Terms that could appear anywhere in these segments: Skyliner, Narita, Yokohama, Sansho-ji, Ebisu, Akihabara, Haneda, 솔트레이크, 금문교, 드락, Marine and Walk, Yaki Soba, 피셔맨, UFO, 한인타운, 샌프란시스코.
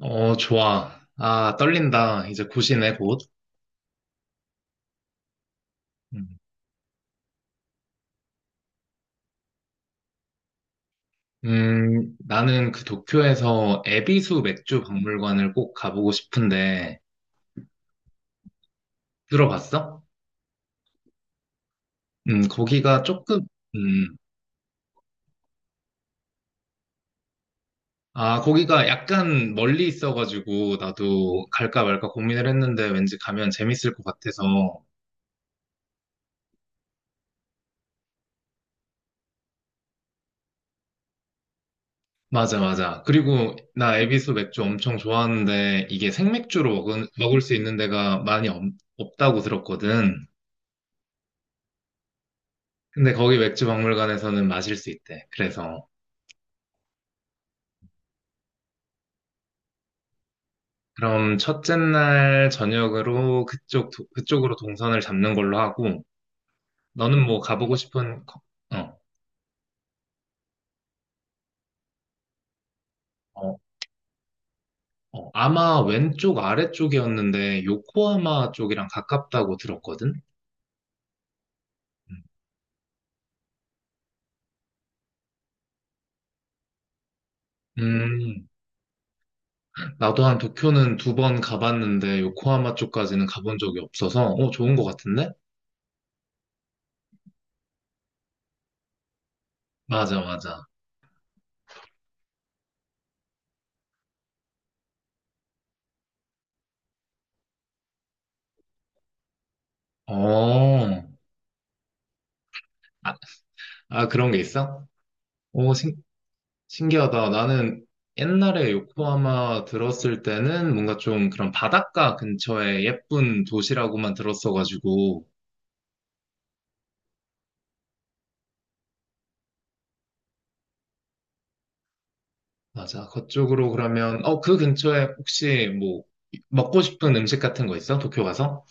어, 좋아. 아, 떨린다. 이제 곧이네, 곧. 음, 나는 그 도쿄에서 에비수 맥주 박물관을 꼭 가보고 싶은데, 들어봤어? 거기가 조금, 음, 아, 거기가 약간 멀리 있어가지고, 나도 갈까 말까 고민을 했는데, 왠지 가면 재밌을 것 같아서. 맞아, 맞아. 그리고 나 에비수 맥주 엄청 좋아하는데, 이게 생맥주로 먹을 수 있는 데가 많이 없다고 들었거든. 근데 거기 맥주 박물관에서는 마실 수 있대. 그래서 그럼 첫째 날 저녁으로 그쪽으로 동선을 잡는 걸로 하고 너는 뭐 어, 어, 어. 아마 왼쪽 아래쪽이었는데 요코하마 쪽이랑 가깝다고 들었거든. 음, 나도 한 도쿄는 2번 가봤는데 요코하마 쪽까지는 가본 적이 없어서 어, 좋은 것 같은데? 맞아, 맞아. 어, 아, 아, 그런 게 있어? 오, 신기하다. 나는 옛날에 요코하마 들었을 때는 뭔가 좀 그런 바닷가 근처에 예쁜 도시라고만 들었어가지고. 맞아. 그쪽으로 그러면, 어, 그 근처에 혹시 뭐, 먹고 싶은 음식 같은 거 있어? 도쿄 가서?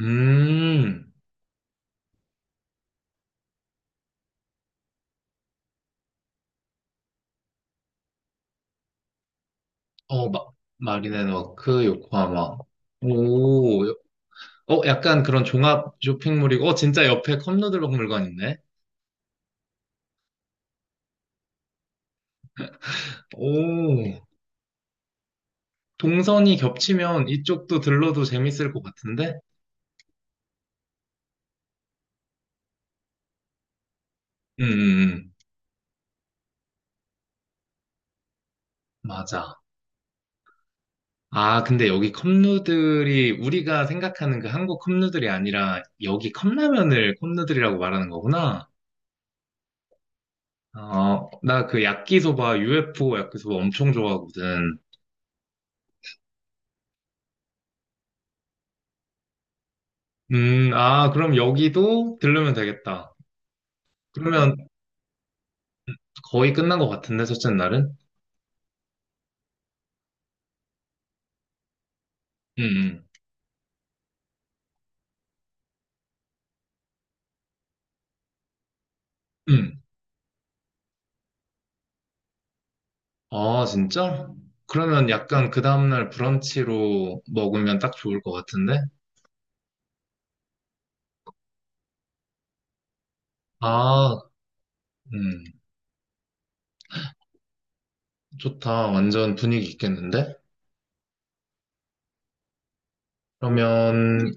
음, 어, 마, 마린앤워크, 요코하마. 오, 어, 약간 그런 종합 쇼핑몰이고, 어, 진짜 옆에 컵누들목 물건 있네. 오, 동선이 겹치면 이쪽도 들러도 재밌을 것 같은데? 음, 음, 음. 맞아. 아, 근데 여기 컵누들이 우리가 생각하는 그 한국 컵누들이 아니라 여기 컵라면을 컵누들이라고 말하는 거구나. 어, 나 그 야끼소바, UFO 야끼소바 엄청 좋아하거든. 아, 그럼 여기도 들르면 되겠다. 그러면 거의 끝난 것 같은데, 첫째 날은? 응, 응, 응. 아, 진짜? 그러면 약간 그 다음날 브런치로 먹으면 딱 좋을 것 같은데? 아, 음, 좋다. 완전 분위기 있겠는데? 그러면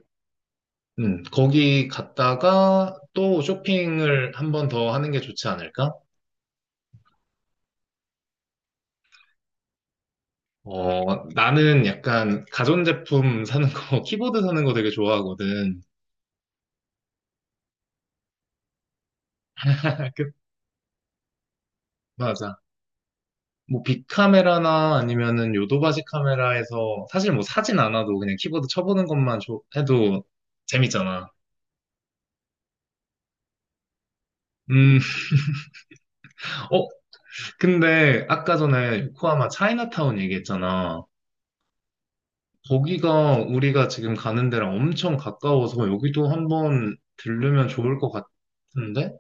거기 갔다가 또 쇼핑을 한번 더 하는 게 좋지 않을까? 어, 나는 약간 가전제품 사는 거, 키보드 사는 거 되게 좋아하거든. 맞아. 뭐 빅카메라나 아니면은 요도바지 카메라에서 사실 뭐 사진 않아도 그냥 키보드 쳐보는 것만 해도 재밌잖아. 음, 어, 근데 아까 전에 요코하마 차이나타운 얘기했잖아. 거기가 우리가 지금 가는 데랑 엄청 가까워서 여기도 한번 들르면 좋을 것 같은데?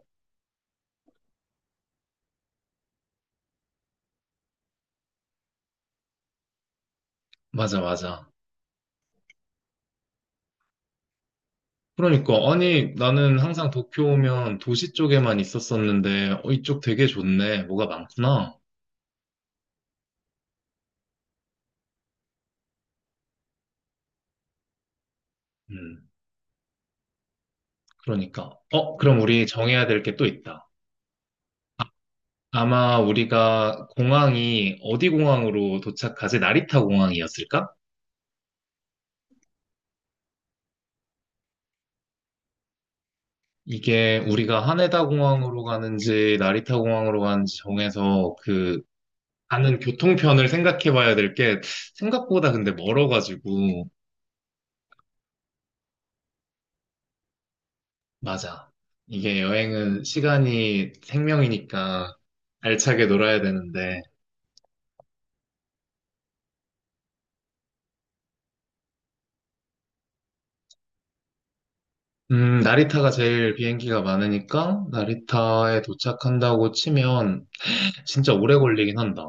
맞아, 맞아. 그러니까, 아니, 나는 항상 도쿄 오면 도시 쪽에만 있었었는데, 어, 이쪽 되게 좋네. 뭐가 많구나. 음, 그러니까. 어, 그럼 우리 정해야 될 게 또 있다. 아마 우리가 공항이 어디 공항으로 도착하지? 나리타 공항이었을까? 이게 우리가 하네다 공항으로 가는지 나리타 공항으로 가는지 정해서 그 가는 교통편을 생각해 봐야 될 게 생각보다 근데 멀어가지고 맞아. 이게 여행은 시간이 생명이니까 알차게 놀아야 되는데 나리타가 제일 비행기가 많으니까 나리타에 도착한다고 치면 진짜 오래 걸리긴 한다.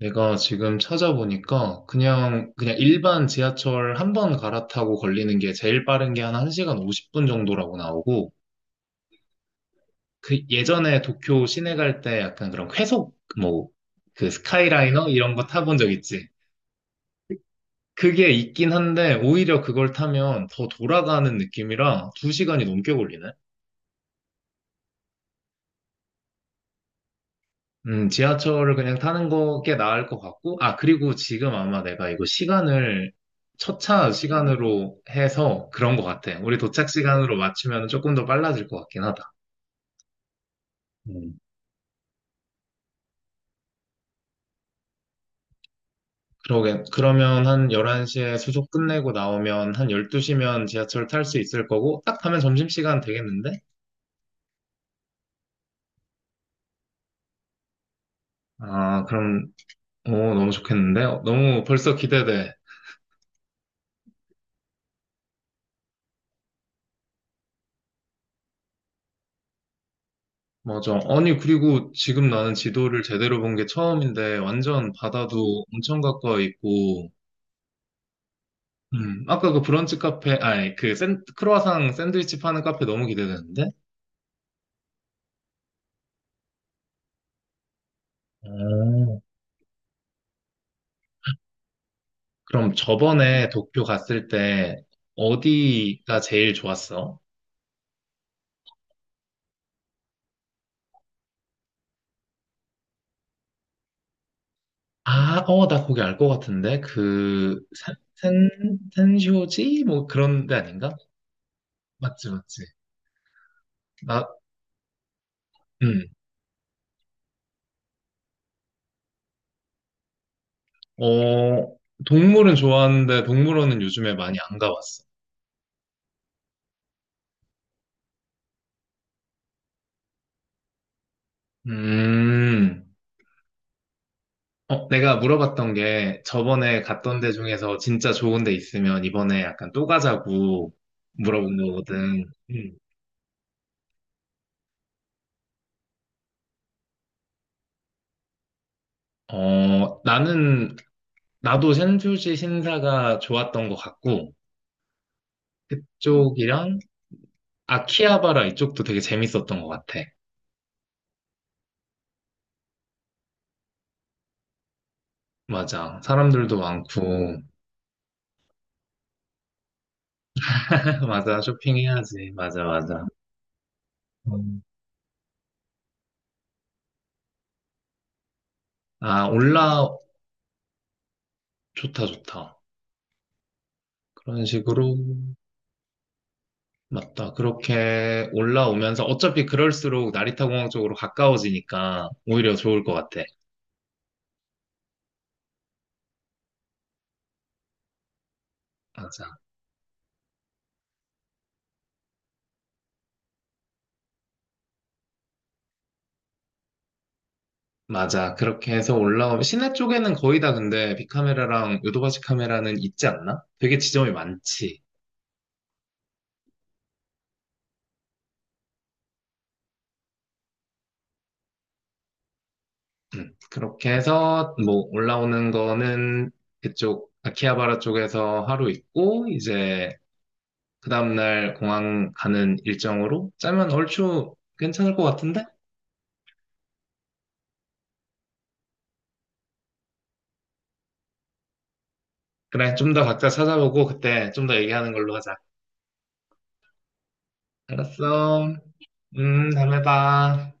내가 지금 찾아보니까 그냥 일반 지하철 한번 갈아타고 걸리는 게 제일 빠른 게 한 1시간 50분 정도라고 나오고 그 예전에 도쿄 시내 갈 때 약간 그런 회속 뭐 그 스카이라이너 이런 거 타본 적 있지? 그게 있긴 한데 오히려 그걸 타면 더 돌아가는 느낌이라 두 시간이 넘게 걸리네. 지하철을 그냥 타는 거 꽤 나을 것 같고, 아, 그리고 지금 아마 내가 이거 시간을 첫차 시간으로 해서 그런 것 같아. 우리 도착 시간으로 맞추면 조금 더 빨라질 것 같긴 하다. 그러게. 그러면 한 11시에 수속 끝내고 나오면 한 12시면 지하철 탈 수 있을 거고, 딱 하면 점심시간 되겠는데? 아, 그럼, 오, 너무 좋겠는데? 어, 너무 벌써 기대돼. 맞아. 아니, 그리고 지금 나는 지도를 제대로 본 게 처음인데, 완전 바다도 엄청 가까이 있고, 아까 그 브런치 카페, 아니, 크로아상 샌드위치 파는 카페 너무 기대되는데? 오. 그럼 저번에 도쿄 갔을 때 어디가 제일 좋았어? 아, 어, 나 거기 알 것 같은데. 그, 산쇼지? 뭐 그런 데 아닌가? 맞지, 맞지. 나, 음, 어, 동물은 좋아하는데 동물원은 요즘에 많이 안 가봤어. 음, 어, 내가 물어봤던 게 저번에 갔던 데 중에서 진짜 좋은 데 있으면 이번에 약간 또 가자고 물어본 거거든. 음. 어, 나는, 나도 샌쇼지 신사가 좋았던 것 같고, 그쪽이랑 아키하바라 이쪽도 되게 재밌었던 것 같아. 맞아. 사람들도 많고. 맞아. 쇼핑해야지. 맞아, 맞아. 음. 아, 좋다, 좋다. 그런 식으로. 맞다. 그렇게 올라오면서 어차피 그럴수록 나리타 공항 쪽으로 가까워지니까 오히려 좋을 것 같아. 맞아. 맞아. 그렇게 해서 올라오면 시내 쪽에는 거의 다 근데 빅카메라랑 요도바시 카메라는 있지 않나? 되게 지점이 많지. 그렇게 해서 뭐 올라오는 거는 그쪽 아키하바라 쪽에서 하루 있고 이제 그 다음날 공항 가는 일정으로 짜면 얼추 괜찮을 것 같은데? 그래, 좀 더 각자 찾아보고 그때 좀 더 얘기하는 걸로 하자. 알았어. 다음에 봐.